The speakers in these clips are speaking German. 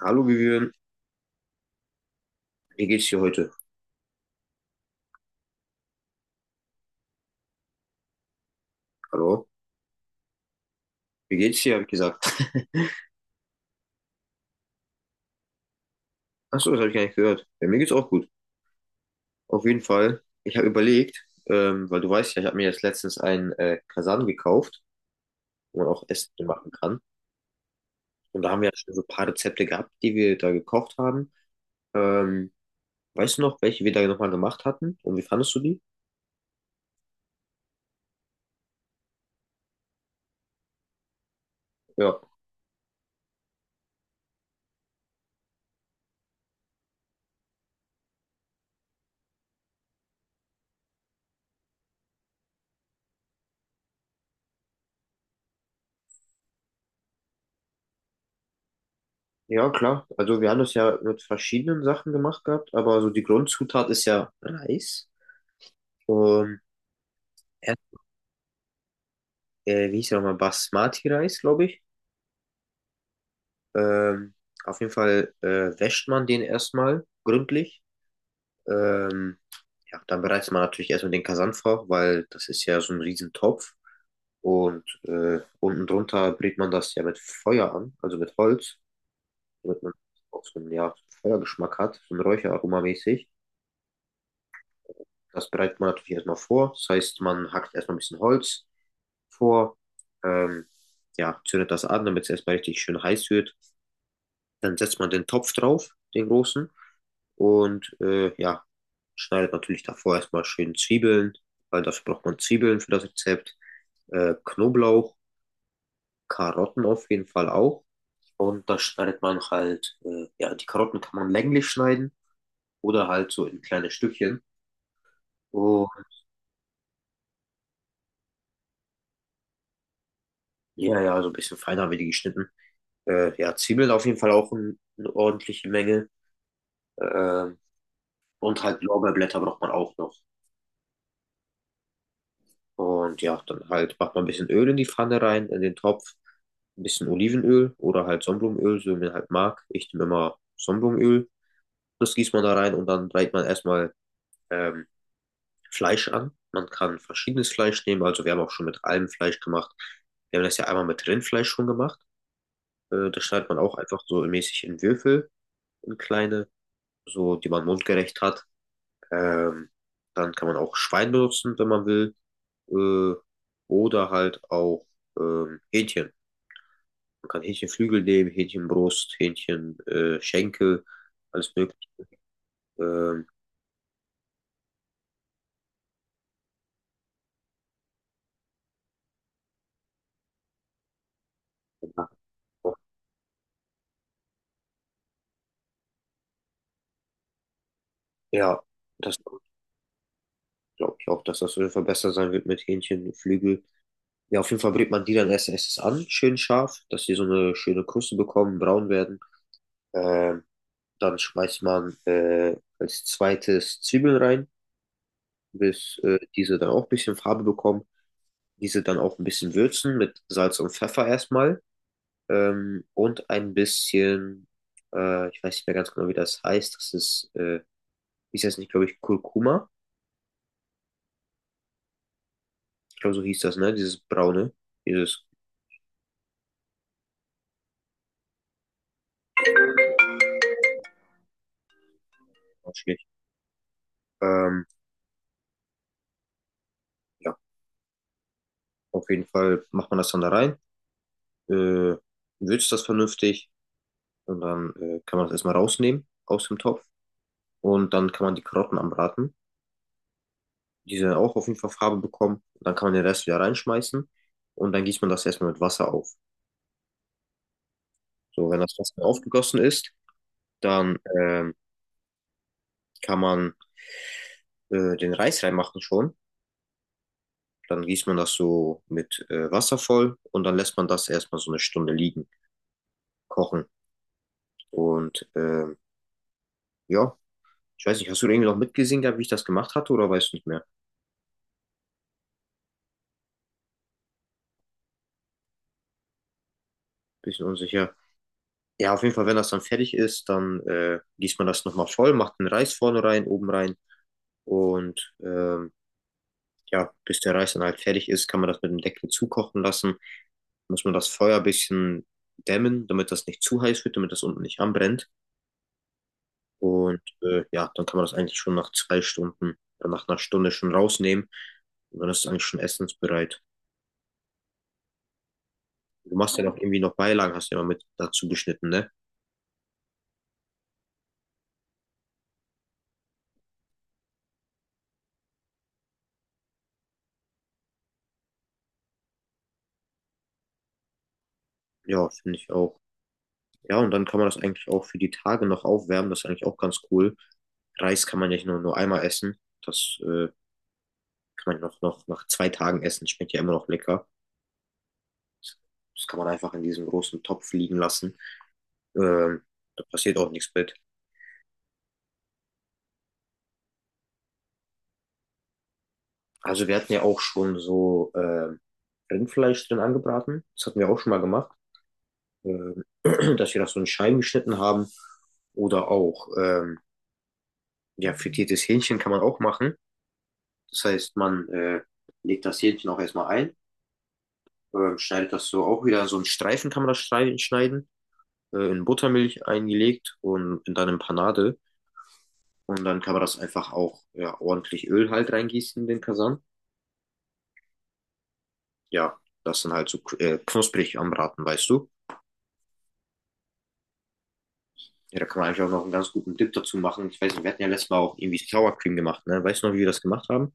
Hallo Vivian, wie geht's dir heute? Hallo? Wie geht's dir, habe ich gesagt. Achso, das habe ich gar nicht gehört. Ja, mir geht's auch gut. Auf jeden Fall. Ich habe überlegt, weil du weißt ja, ich habe mir jetzt letztens einen Kasan gekauft, wo man auch Essen machen kann. Und da haben wir ja schon so ein paar Rezepte gehabt, die wir da gekocht haben. Ähm, Weißt du noch, welche wir da nochmal gemacht hatten? Und wie fandest du die? Ja. Ja, klar. Also wir haben das ja mit verschiedenen Sachen gemacht gehabt, aber so die Grundzutat ist ja Reis. Und wie hieß der nochmal? Basmati-Reis, glaube ich. Ähm, auf jeden Fall wäscht man den erstmal gründlich. Ähm, ja, dann bereitet man natürlich erstmal den Kasan vor, weil das ist ja so ein Riesentopf. Und unten drunter brät man das ja mit Feuer an, also mit Holz, damit man auch so einen ja, Feuergeschmack hat, so ein Räucheraroma mäßig. Das bereitet man natürlich erstmal vor. Das heißt, man hackt erstmal ein bisschen Holz vor, ähm, ja, zündet das an, damit es erstmal richtig schön heiß wird. Dann setzt man den Topf drauf, den großen. Und ja, schneidet natürlich davor erstmal schön Zwiebeln, weil dafür braucht man Zwiebeln für das Rezept. Knoblauch, Karotten auf jeden Fall auch. Und das schneidet man halt, ja, die Karotten kann man länglich schneiden oder halt so in kleine Stückchen. Und ja, ja, so ein bisschen feiner wie die geschnitten. Ja, Zwiebeln auf jeden Fall auch eine ordentliche Menge. Ähm, und halt Lorbeerblätter braucht man auch noch. Und ja, dann halt macht man ein bisschen Öl in die Pfanne rein, in den Topf, ein bisschen Olivenöl oder halt Sonnenblumenöl, so wie man halt mag. Ich nehme immer Sonnenblumenöl. Das gießt man da rein und dann brät man erstmal ähm, Fleisch an. Man kann verschiedenes Fleisch nehmen, also wir haben auch schon mit allem Fleisch gemacht. Wir haben das ja einmal mit Rindfleisch schon gemacht. Das schneidet man auch einfach so mäßig in Würfel, in kleine, so die man mundgerecht hat. Ähm, Dann kann man auch Schwein benutzen, wenn man will. äh, oder halt auch Hähnchen. Man kann Hähnchenflügel nehmen, Hähnchenbrust, Hähnchen, Schenkel, alles mögliche. Ähm, ja, das glaube ich auch, dass das auf jeden Fall besser sein wird mit Hähnchenflügel. Ja, auf jeden Fall brät man die dann erst an, schön scharf, dass die so eine schöne Kruste bekommen, braun werden. Ähm, Dann schmeißt man als zweites Zwiebeln rein, bis diese dann auch ein bisschen Farbe bekommen. Diese dann auch ein bisschen würzen mit Salz und Pfeffer erstmal. Und ein bisschen, ich weiß nicht mehr ganz genau, wie das heißt. Das ist jetzt nicht, glaube ich, Kurkuma. Ich glaube, so hieß das, ne? Dieses braune, dieses schlecht. Ähm, ja, auf jeden Fall macht man das dann da rein, äh, würzt das vernünftig und dann kann man das erstmal rausnehmen aus dem Topf und dann kann man die Karotten anbraten. Die dann auch auf jeden Fall Farbe bekommen. Dann kann man den Rest wieder reinschmeißen und dann gießt man das erstmal mit Wasser auf. So, wenn das Wasser aufgegossen ist, dann kann man den Reis reinmachen schon. Dann gießt man das so mit Wasser voll und dann lässt man das erstmal so eine Stunde liegen, kochen. Und ja, ich weiß nicht, hast du irgendwie noch mitgesehen gehabt, wie ich das gemacht hatte oder weißt du nicht mehr? Bisschen unsicher. Ja, auf jeden Fall, wenn das dann fertig ist, dann gießt man das nochmal voll, macht den Reis vorne rein, oben rein und ja, bis der Reis dann halt fertig ist, kann man das mit dem Deckel zukochen lassen. Muss man das Feuer ein bisschen dämmen, damit das nicht zu heiß wird, damit das unten nicht anbrennt. Und ja, dann kann man das eigentlich schon nach 2 Stunden oder nach einer Stunde schon rausnehmen. Und dann ist es eigentlich schon essensbereit. Du machst ja noch irgendwie noch Beilagen, hast du ja immer mit dazu geschnitten, ne? Ja, finde ich auch. Ja, und dann kann man das eigentlich auch für die Tage noch aufwärmen. Das ist eigentlich auch ganz cool. Reis kann man ja nicht nur einmal essen. Das kann man noch nach 2 Tagen essen. Schmeckt ja immer noch lecker. Das kann man einfach in diesem großen Topf liegen lassen. Ähm, Da passiert auch nichts mit. Also wir hatten ja auch schon so Rindfleisch drin angebraten. Das hatten wir auch schon mal gemacht, ähm, dass wir das so in Scheiben geschnitten haben. Oder auch ja, frittiertes Hähnchen kann man auch machen. Das heißt, man legt das Hähnchen auch erstmal ein, schneidet das so auch wieder so in Streifen kann man das schneiden, in Buttermilch eingelegt und in dann in Panade. Und dann kann man das einfach auch ja, ordentlich Öl halt reingießen in den Kasan. Ja, das dann halt so knusprig anbraten, weißt du? Ja, da kann man eigentlich auch noch einen ganz guten Dip dazu machen. Ich weiß nicht, wir hatten ja letztes Mal auch irgendwie Sour Cream gemacht, ne? Weißt du noch, wie wir das gemacht haben?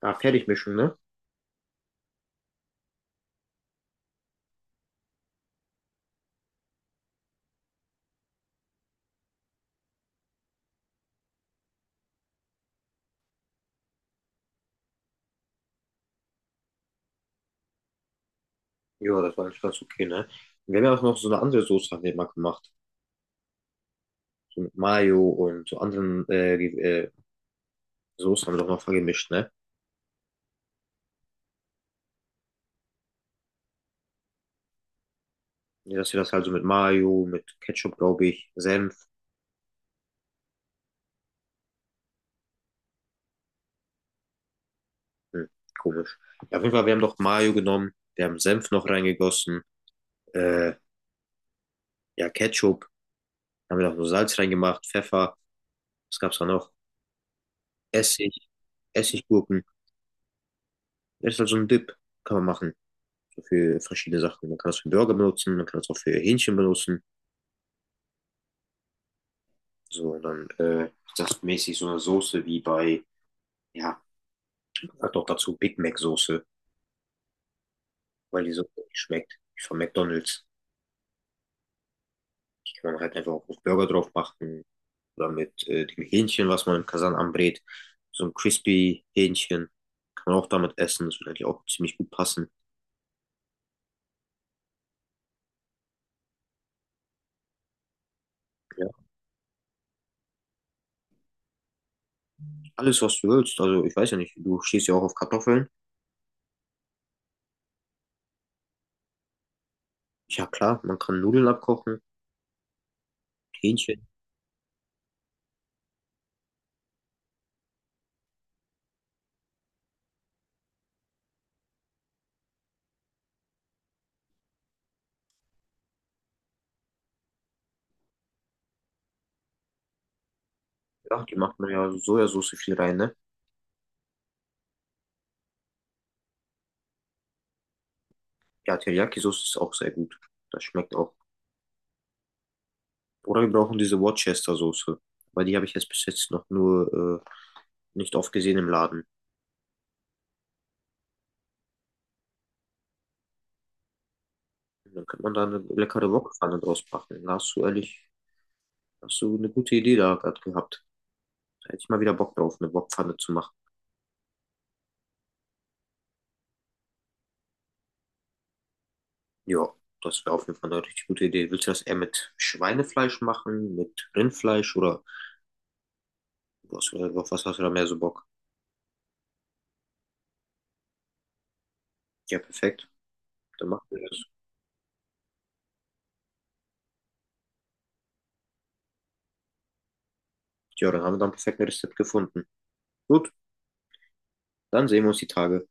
Ah, Fertigmischung, ne? Ja, das war eigentlich ganz okay, ne? Wir haben ja auch noch so eine andere Soße haben wir mal gemacht. So mit Mayo und so anderen Soßen haben wir doch noch vergemischt, ne? Ja, dass wir das halt so mit Mayo, mit Ketchup, glaube ich, Senf. Hm, komisch. Ja, auf jeden Fall, wir haben doch Mayo genommen, wir haben Senf noch reingegossen, äh, ja, Ketchup, haben wir noch so Salz reingemacht, Pfeffer, was gab's da noch? Essig, Essiggurken. Ist halt so ein Dip, kann man machen. So für verschiedene Sachen. Man kann es für Burger benutzen, man kann es auch für Hähnchen benutzen. So, und dann ist das mäßig so eine Soße wie bei, ja, hat auch dazu Big Mac Soße, weil die so ähnlich schmeckt wie von McDonald's. Die kann man halt einfach auch auf Burger drauf machen oder mit dem Hähnchen, was man im Kasan anbrät. So ein crispy Hähnchen kann man auch damit essen. Das würde eigentlich auch ziemlich gut passen. Ja. Alles, was du willst. Also ich weiß ja nicht, du stehst ja auch auf Kartoffeln. Ja klar, man kann Nudeln abkochen, Hähnchen. Ja, die macht man ja Sojasauce viel rein, ne? Ja, Teriyaki-Soße ist auch sehr gut. Das schmeckt auch. Oder wir brauchen diese Worcester-Soße. Weil die habe ich jetzt bis jetzt noch nur nicht oft gesehen im Laden. Dann könnte man da eine leckere Wokpfanne draus machen. Da hast du ehrlich, hast du eine gute Idee da gerade gehabt. Da hätte ich mal wieder Bock drauf, eine Wokpfanne zu machen. Ja, das wäre auf jeden Fall eine richtig gute Idee. Willst du das eher mit Schweinefleisch machen, mit Rindfleisch oder was, auf was hast du da mehr so Bock? Ja, perfekt. Dann machen wir das. Ja, dann haben wir dann perfekt ein Rezept gefunden. Gut. Dann sehen wir uns die Tage.